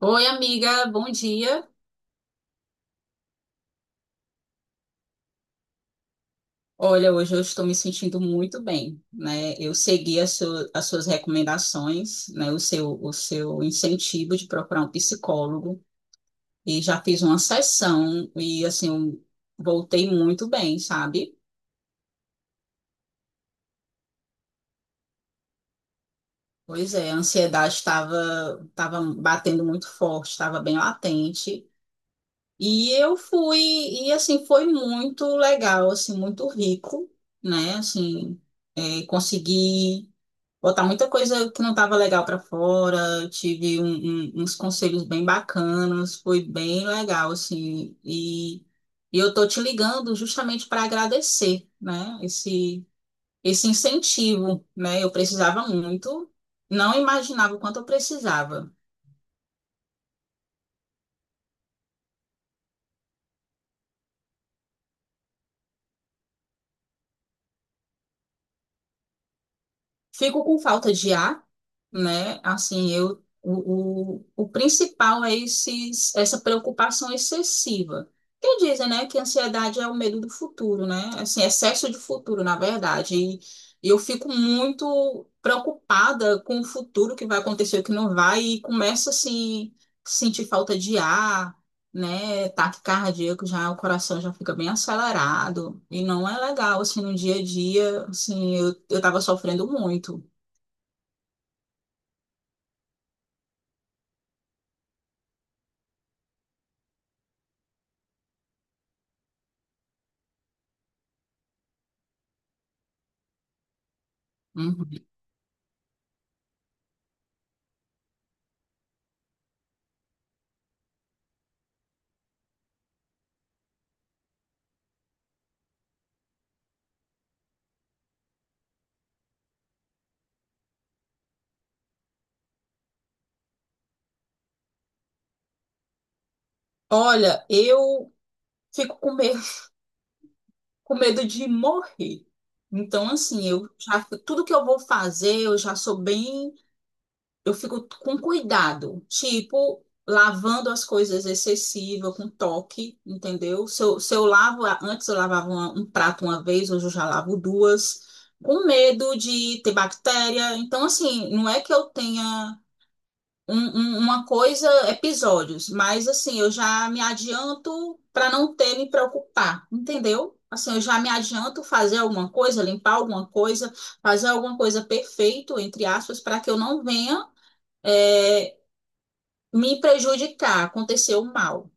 Oi, amiga, bom dia. Olha, hoje eu estou me sentindo muito bem, né? Eu segui as suas recomendações, né? O seu incentivo de procurar um psicólogo e já fiz uma sessão e assim eu voltei muito bem, sabe? Pois é, a ansiedade estava batendo muito forte, estava bem latente. E eu fui, e assim, foi muito legal, assim, muito rico, né? Assim, consegui botar muita coisa que não estava legal para fora. Eu tive uns conselhos bem bacanas, foi bem legal, assim. E eu tô te ligando justamente para agradecer, né? Esse incentivo, né? Eu precisava muito, não imaginava o quanto eu precisava. Fico com falta de ar, né? Assim, o principal é essa preocupação excessiva. Que dizem, né, que a ansiedade é o medo do futuro, né? Assim, excesso de futuro, na verdade. E eu fico muito preocupada com o futuro que vai acontecer, o que não vai, e começo assim sentir falta de ar, né, ataque cardíaco, já o coração já fica bem acelerado e não é legal, assim, no dia a dia, assim, eu tava sofrendo muito. Uhum. Olha, eu fico com medo, com medo de morrer. Então, assim, eu já, tudo que eu vou fazer, eu já sou bem, eu fico com cuidado, tipo, lavando as coisas excessiva, com toque, entendeu? Se eu lavo, antes eu lavava um prato uma vez, hoje eu já lavo duas, com medo de ter bactéria. Então, assim, não é que eu tenha uma coisa, episódios, mas, assim, eu já me adianto para não ter me preocupar, entendeu? Assim, eu já me adianto fazer alguma coisa, limpar alguma coisa, fazer alguma coisa perfeito, entre aspas, para que eu não venha, é, me prejudicar, aconteceu mal.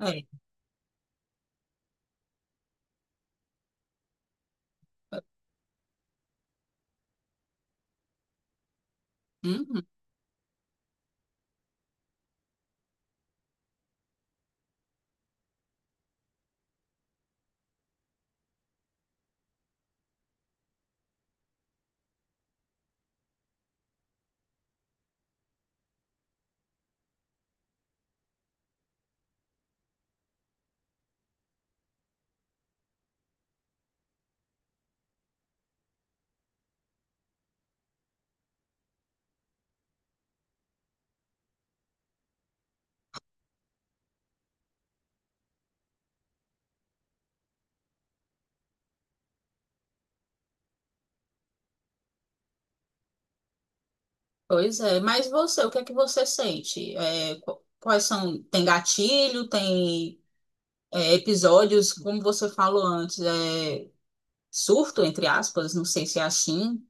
É. Uhum. Pois é, mas você, o que é que você sente? É, quais são, tem gatilho, tem, episódios, como você falou antes, surto, entre aspas, não sei se é assim.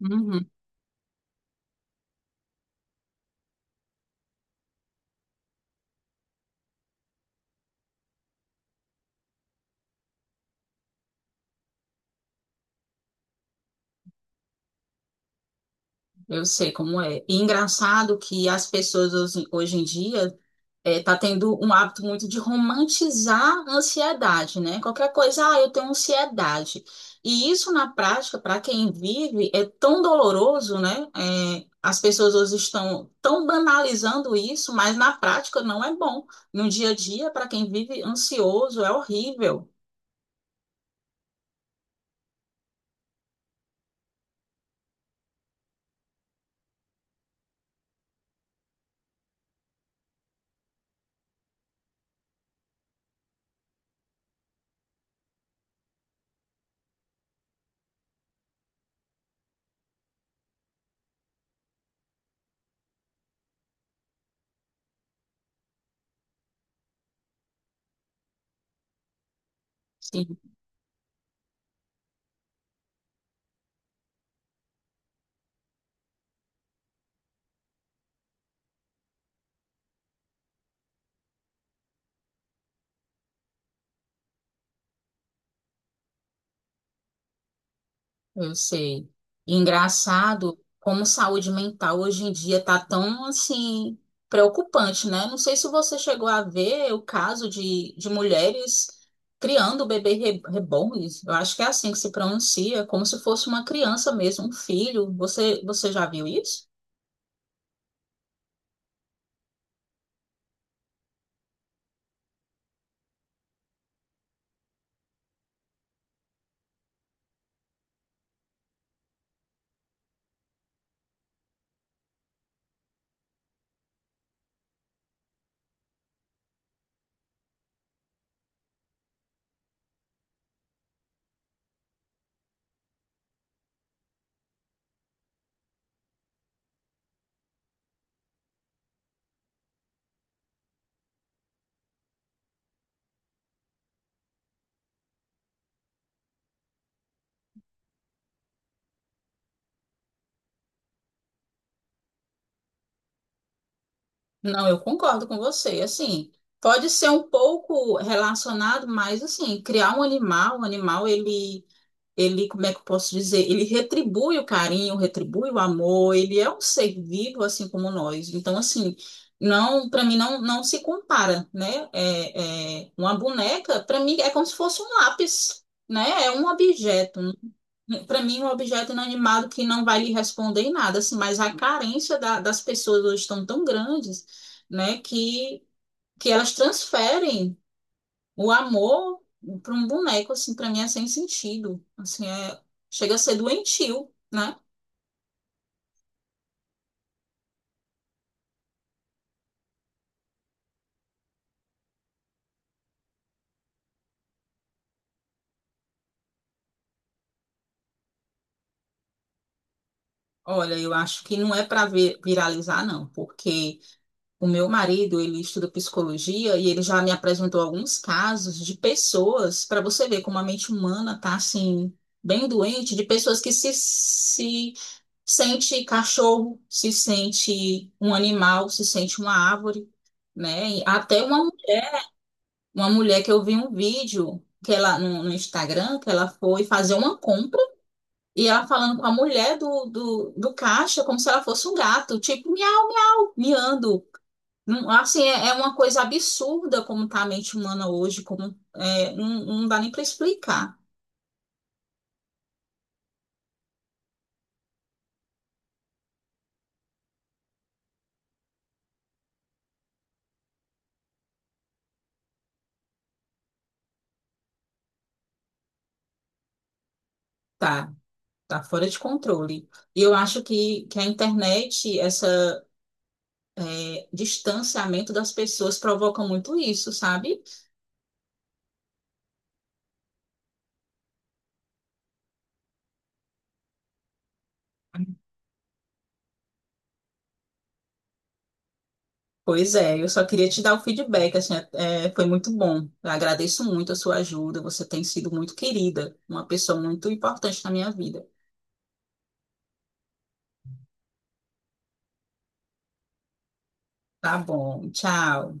Uhum. Eu sei como é. E engraçado que as pessoas hoje, hoje em dia, tá tendo um hábito muito de romantizar a ansiedade, né? Qualquer coisa, ah, eu tenho ansiedade. E isso na prática, para quem vive, é tão doloroso, né? É, as pessoas hoje estão tão banalizando isso, mas na prática não é bom. No dia a dia, para quem vive ansioso, é horrível. Sim. Eu sei. Engraçado como saúde mental hoje em dia tá tão assim preocupante, né? Não sei se você chegou a ver o caso de mulheres criando bebê reborns. Eu acho que é assim que se pronuncia, como se fosse uma criança mesmo, um filho. Você já viu isso? Não, eu concordo com você. Assim, pode ser um pouco relacionado, mas assim, criar um animal, ele, como é que eu posso dizer? Ele retribui o carinho, retribui o amor, ele é um ser vivo assim como nós. Então, assim, não, para mim não, não se compara, né? Uma boneca, para mim é como se fosse um lápis, né? É um objeto. Para mim, um objeto inanimado que não vai lhe responder em nada, assim, mas a carência das pessoas hoje estão tão grandes, né, que elas transferem o amor para um boneco, assim, para mim é sem sentido. Assim, chega a ser doentio, né? Olha, eu acho que não é para viralizar, não, porque o meu marido, ele estuda psicologia e ele já me apresentou alguns casos de pessoas, para você ver como a mente humana tá, assim, bem doente, de pessoas que se sente cachorro, se sente um animal, se sente uma árvore, né? E até uma mulher que eu vi um vídeo que ela, no Instagram, que ela foi fazer uma compra e ela falando com a mulher do caixa como se ela fosse um gato, tipo, miau, miau, miando. Não. Assim, é uma coisa absurda como tá a mente humana hoje, como é, não, não dá nem para explicar. Tá, tá fora de controle. E eu acho que a internet, essa, distanciamento das pessoas provoca muito isso, sabe? Pois é, eu só queria te dar o feedback, assim, foi muito bom. Eu agradeço muito a sua ajuda, você tem sido muito querida, uma pessoa muito importante na minha vida. Tá bom, tchau.